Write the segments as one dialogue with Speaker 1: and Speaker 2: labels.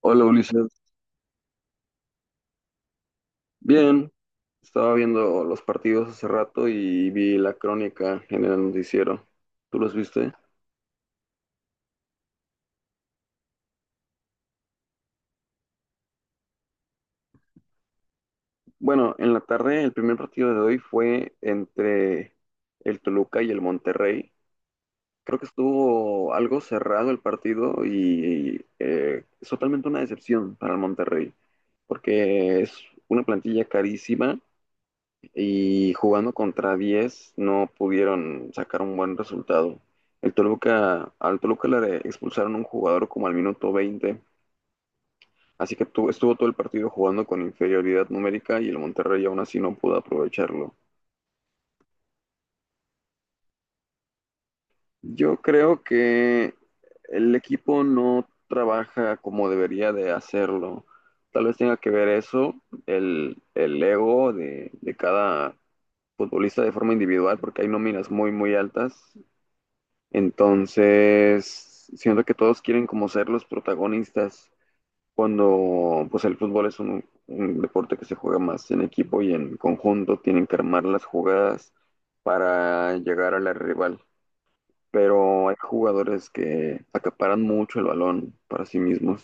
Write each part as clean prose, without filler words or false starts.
Speaker 1: Hola Ulises, bien, estaba viendo los partidos hace rato y vi la crónica en el noticiero. ¿Tú los viste? Bueno, en la tarde el primer partido de hoy fue entre el Toluca y el Monterrey. Creo que estuvo algo cerrado el partido es totalmente una decepción para el Monterrey, porque es una plantilla carísima y jugando contra 10 no pudieron sacar un buen resultado. El Toluca, al Toluca le expulsaron un jugador como al minuto 20, así que estuvo todo el partido jugando con inferioridad numérica y el Monterrey aún así no pudo aprovecharlo. Yo creo que el equipo no trabaja como debería de hacerlo. Tal vez tenga que ver eso, el ego de cada futbolista de forma individual, porque hay nóminas muy altas. Entonces, siento que todos quieren como ser los protagonistas, cuando pues el fútbol es un deporte que se juega más en equipo y en conjunto, tienen que armar las jugadas para llegar a la rival. Pero hay jugadores que acaparan mucho el balón para sí mismos.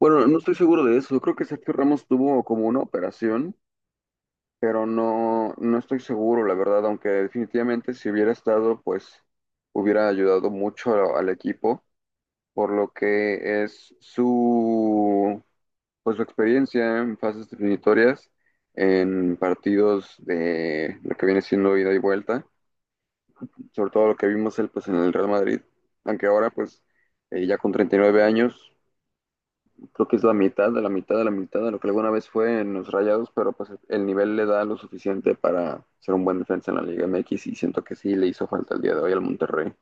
Speaker 1: Bueno, no estoy seguro de eso. Creo que Sergio Ramos tuvo como una operación, pero no, no estoy seguro, la verdad, aunque definitivamente si hubiera estado, pues hubiera ayudado mucho al equipo por lo que es su, pues, su experiencia en fases definitorias, en partidos de lo que viene siendo ida y vuelta, sobre todo lo que vimos él pues, en el Real Madrid, aunque ahora pues ya con 39 años, creo que es la mitad de la mitad de la mitad de lo que alguna vez fue en los Rayados, pero pues el nivel le da lo suficiente para ser un buen defensa en la Liga MX y siento que sí le hizo falta el día de hoy al Monterrey.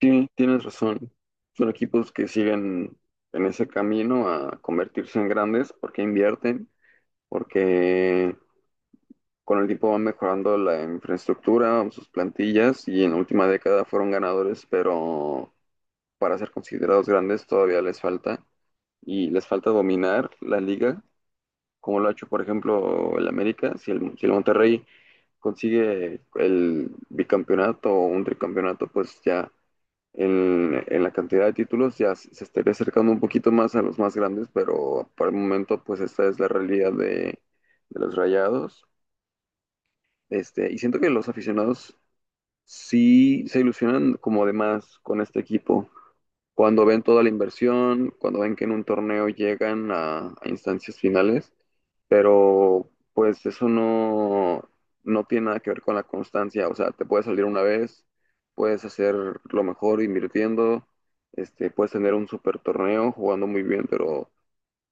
Speaker 1: Sí, tienes razón. Son equipos que siguen en ese camino a convertirse en grandes porque invierten, porque con el tiempo van mejorando la infraestructura, sus plantillas y en la última década fueron ganadores, pero para ser considerados grandes todavía les falta, y les falta dominar la liga, como lo ha hecho, por ejemplo, el América. Si el Monterrey consigue el bicampeonato o un tricampeonato, pues ya en la cantidad de títulos ya se estaría acercando un poquito más a los más grandes, pero por el momento pues esta es la realidad de los Rayados. Este, y siento que los aficionados sí se ilusionan como de más con este equipo. Cuando ven toda la inversión, cuando ven que en un torneo llegan a instancias finales, pero pues eso no, no tiene nada que ver con la constancia, o sea, te puede salir una vez, puedes hacer lo mejor invirtiendo, este, puedes tener un super torneo jugando muy bien, pero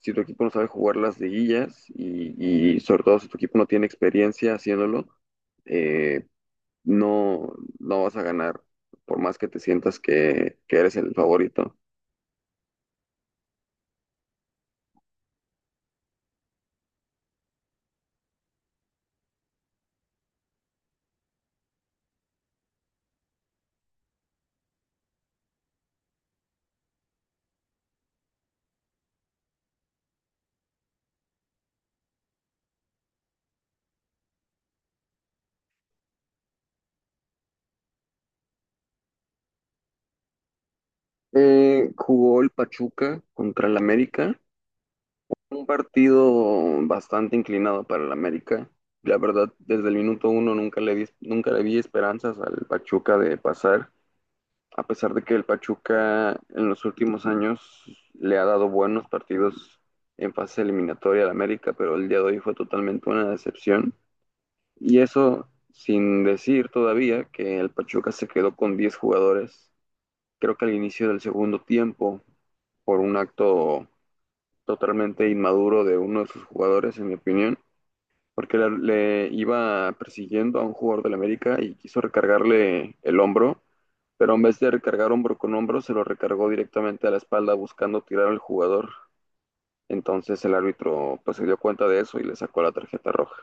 Speaker 1: si tu equipo no sabe jugar las liguillas y sobre todo si tu equipo no tiene experiencia haciéndolo, eh, no, no vas a ganar, por más que te sientas que eres el favorito. Jugó el Pachuca contra el América, un partido bastante inclinado para el América. La verdad, desde el minuto uno nunca le di, nunca le vi esperanzas al Pachuca de pasar, a pesar de que el Pachuca en los últimos años le ha dado buenos partidos en fase eliminatoria al América, pero el día de hoy fue totalmente una decepción. Y eso sin decir todavía que el Pachuca se quedó con 10 jugadores, creo que al inicio del segundo tiempo, por un acto totalmente inmaduro de uno de sus jugadores, en mi opinión, porque le iba persiguiendo a un jugador del América y quiso recargarle el hombro, pero en vez de recargar hombro con hombro, se lo recargó directamente a la espalda buscando tirar al jugador. Entonces el árbitro pues se dio cuenta de eso y le sacó la tarjeta roja.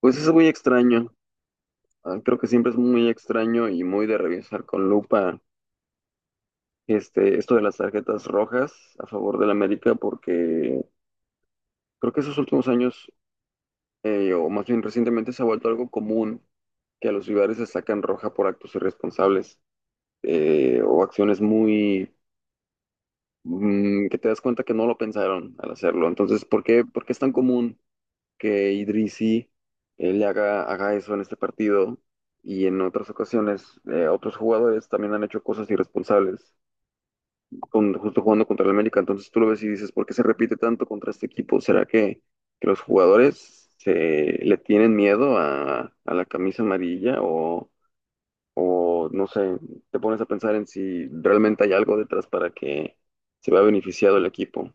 Speaker 1: Pues es muy extraño, creo que siempre es muy extraño y muy de revisar con lupa este, esto de las tarjetas rojas a favor del América, porque creo que esos últimos años, o más bien recientemente, se ha vuelto algo común que a los rivales se sacan roja por actos irresponsables, o acciones muy que te das cuenta que no lo pensaron al hacerlo. Entonces, por qué es tan común que Idrisi le haga, haga eso en este partido? Y en otras ocasiones, otros jugadores también han hecho cosas irresponsables, con, justo jugando contra el América, entonces tú lo ves y dices, ¿por qué se repite tanto contra este equipo? ¿Será que los jugadores se, le tienen miedo a la camisa amarilla o no sé, te pones a pensar en si realmente hay algo detrás para que se vea beneficiado el equipo?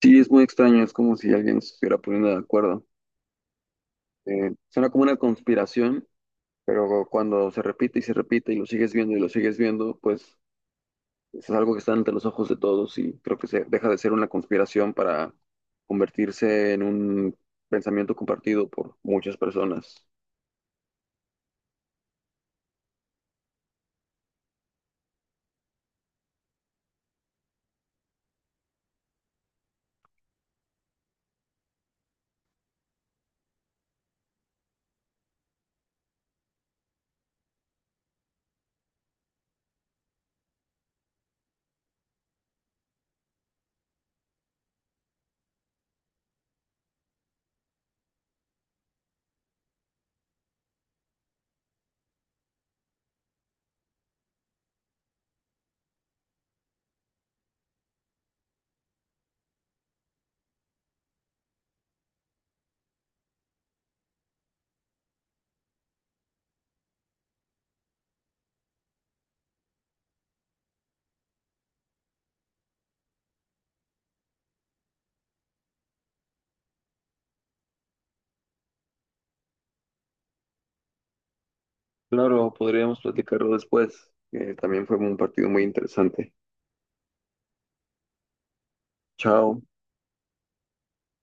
Speaker 1: Sí, es muy extraño, es como si alguien se estuviera poniendo de acuerdo. Suena como una conspiración, pero cuando se repite y lo sigues viendo y lo sigues viendo, pues es algo que está ante los ojos de todos y creo que se deja de ser una conspiración para convertirse en un pensamiento compartido por muchas personas. Claro, podríamos platicarlo después, que también fue un partido muy interesante. Chao.